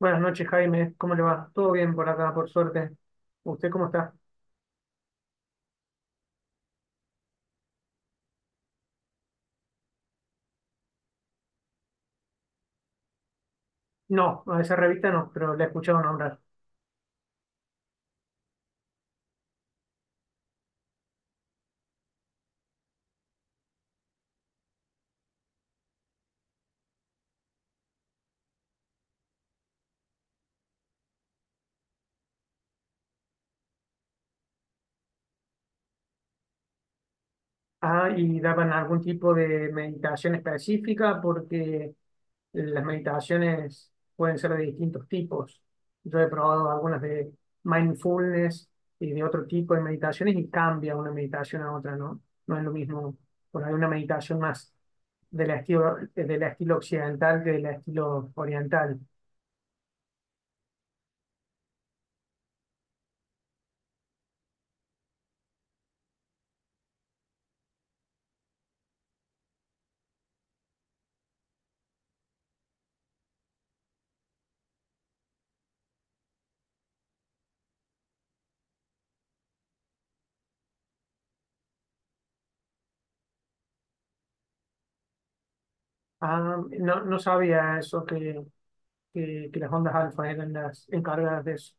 Buenas noches, Jaime. ¿Cómo le va? Todo bien por acá, por suerte. ¿Usted cómo está? No, a esa revista no, pero la he escuchado nombrar. Ah, ¿y daban algún tipo de meditación específica? Porque las meditaciones pueden ser de distintos tipos. Yo he probado algunas de mindfulness y de otro tipo de meditaciones y cambia una meditación a otra, ¿no? No es lo mismo. Por ahí una meditación más del estilo occidental que del estilo oriental. Ah, no, no sabía eso, que las ondas alfa eran las encargadas de eso.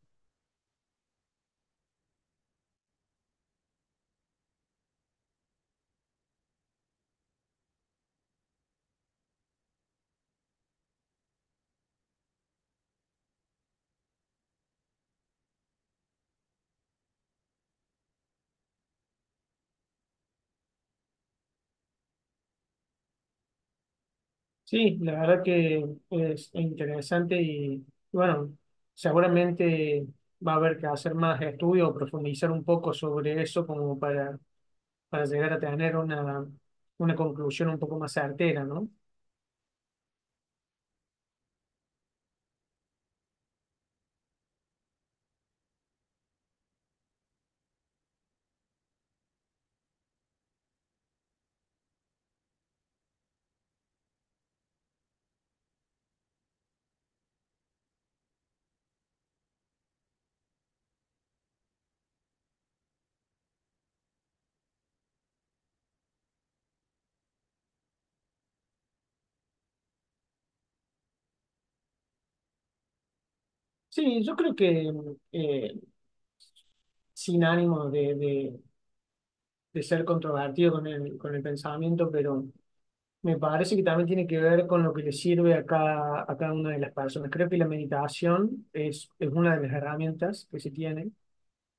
Sí, la verdad que es interesante y bueno, seguramente va a haber que hacer más estudios o profundizar un poco sobre eso como para llegar a tener una conclusión un poco más certera, ¿no? Sí, yo creo que eh, sin ánimo de ser controvertido con el pensamiento, pero me parece que también tiene que ver con lo que le sirve a cada una de las personas. Creo que la meditación es una de las herramientas que se tiene,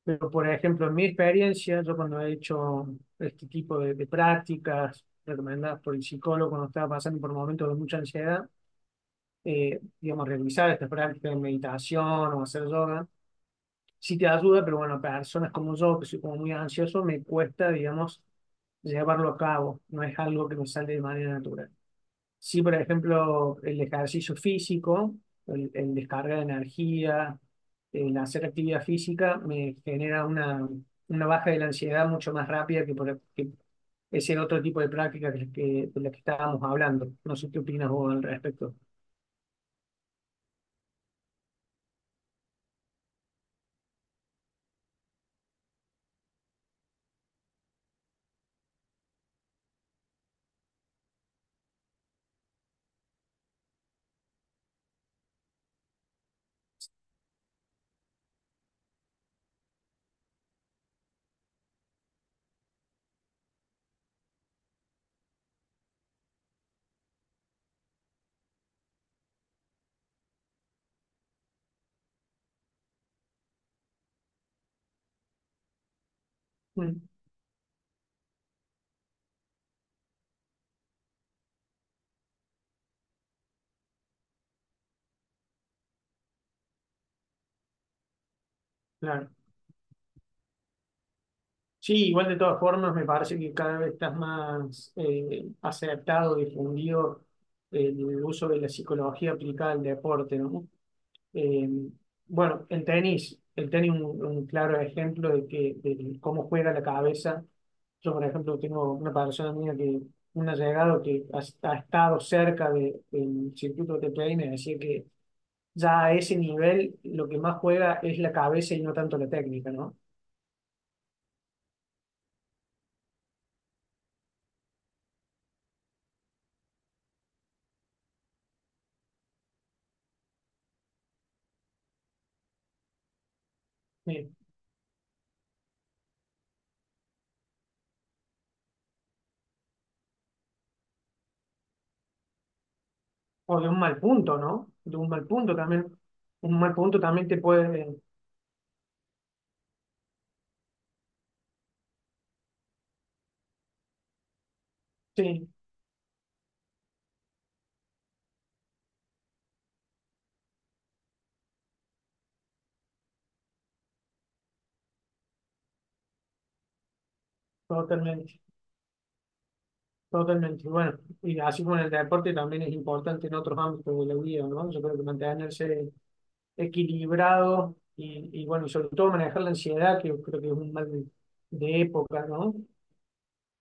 pero por ejemplo, en mi experiencia, yo cuando he hecho este tipo de prácticas recomendadas por el psicólogo cuando estaba pasando por momentos de mucha ansiedad, digamos, realizar estas prácticas de meditación o hacer yoga, sí te ayuda, pero bueno, personas como yo, que soy como muy ansioso, me cuesta, digamos, llevarlo a cabo, no es algo que me sale de manera natural. Sí, por ejemplo, el ejercicio físico, el descargar de energía, el hacer actividad física me genera una baja de la ansiedad mucho más rápida que ese otro tipo de práctica de la que estábamos hablando. No sé qué opinas vos al respecto. Mm, claro. Sí, igual de todas formas me parece que cada vez estás más aceptado, difundido el uso de la psicología aplicada al deporte, ¿no? Eh, bueno, el tenis es un claro ejemplo de cómo juega la cabeza. Yo, por ejemplo, tengo una persona mía un allegado que ha estado cerca del circuito de TPI y me decía que ya a ese nivel lo que más juega es la cabeza y no tanto la técnica, ¿no? Eh, o de un mal punto, ¿no? De un mal punto también. Un mal punto también te puede. Sí, totalmente. Totalmente. Y bueno, y así como en el deporte también es importante en otros ámbitos de la vida, ¿no? Yo creo que mantenerse equilibrado y bueno, y sobre todo manejar la ansiedad, que yo creo que es un mal de época, ¿no?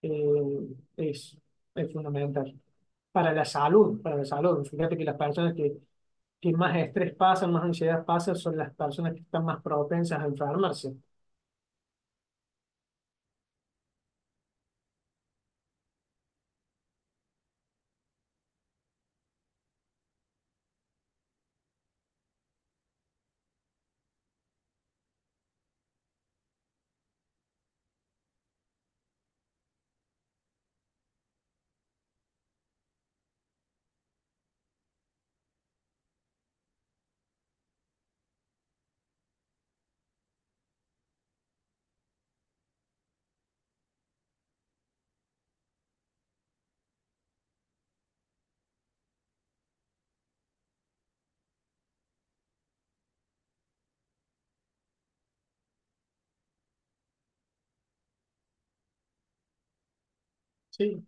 Eh, es, es fundamental. Para la salud, fíjate que las personas que más estrés pasan, más ansiedad pasan, son las personas que están más propensas a enfermarse, ¿sí?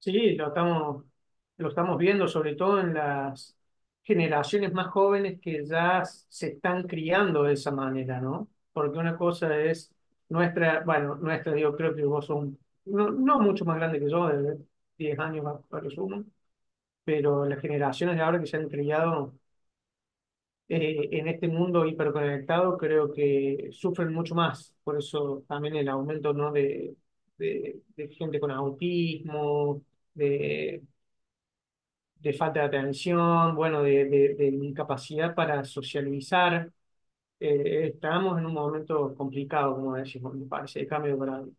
Sí, lo estamos viendo, sobre todo en las generaciones más jóvenes que ya se están criando de esa manera, ¿no? Porque una cosa es nuestra, bueno, nuestra, yo creo que vos sos no, no mucho más grande que yo, de 10 años a lo sumo, pero las generaciones de ahora que se han criado en este mundo hiperconectado creo que sufren mucho más. Por eso también el aumento, ¿no? de gente con autismo, de de falta de atención, bueno, de incapacidad para socializar. Estamos en un momento complicado, como decimos, me parece, de cambio de paradigma.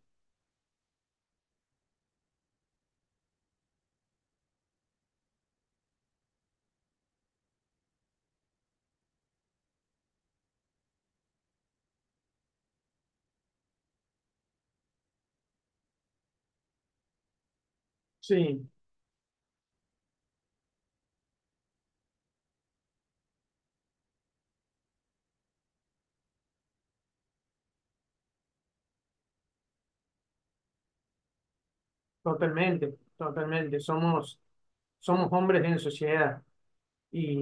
Sí, totalmente, totalmente. Somos hombres en sociedad y,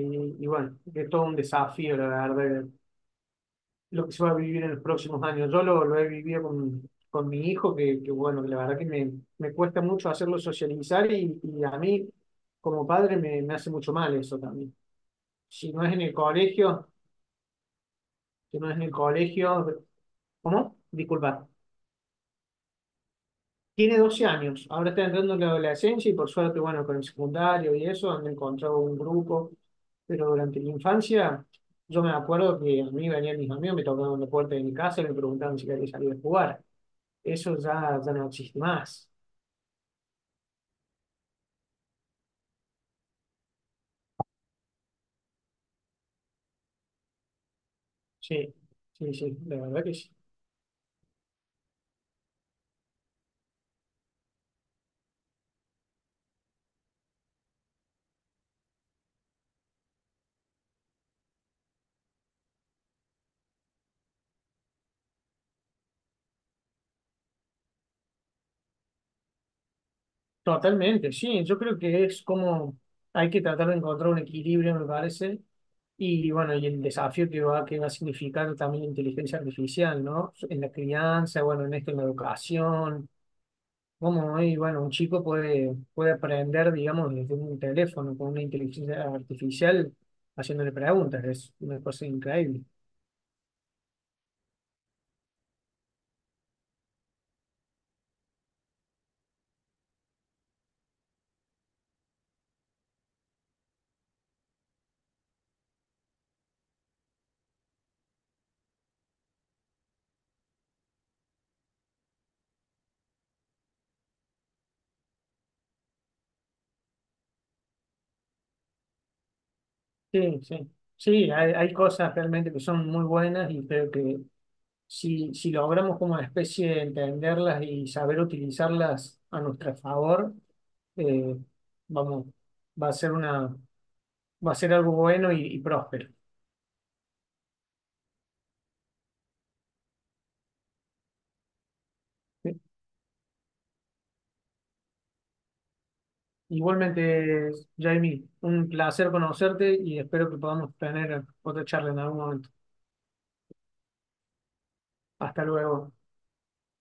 y bueno, es todo un desafío, la verdad, lo que se va a vivir en los próximos años. Yo lo he vivido con mi hijo, que bueno, que la verdad que me cuesta mucho hacerlo socializar y a mí como padre me hace mucho mal eso también. Si no es en el colegio, si no es en el colegio, ¿cómo? Disculpa. Tiene 12 años, ahora está entrando en la adolescencia y por suerte, bueno, con el secundario y eso, han encontrado un grupo, pero durante la infancia yo me acuerdo que a mí venían mis amigos, me tocaban la puerta de mi casa y me preguntaban si quería salir a jugar. Eso ya, ya no existe más. Sí, sí, sí, la verdad que sí. Totalmente, sí, yo creo que es como hay que tratar de encontrar un equilibrio, me parece, y bueno, y el desafío que va a significar también la inteligencia artificial, ¿no? En la crianza, bueno, en esto, en la educación, cómo, hoy, bueno, un chico puede aprender, digamos, desde un teléfono con una inteligencia artificial haciéndole preguntas, es una cosa increíble. Sí, sí, sí, hay cosas realmente que son muy buenas y creo que si logramos como especie entenderlas y saber utilizarlas a nuestro favor, eh, vamos, va a ser una, va a ser algo bueno y próspero. ¿Sí? Igualmente, Jamie, un placer conocerte y espero que podamos tener otra charla en algún momento. Hasta luego.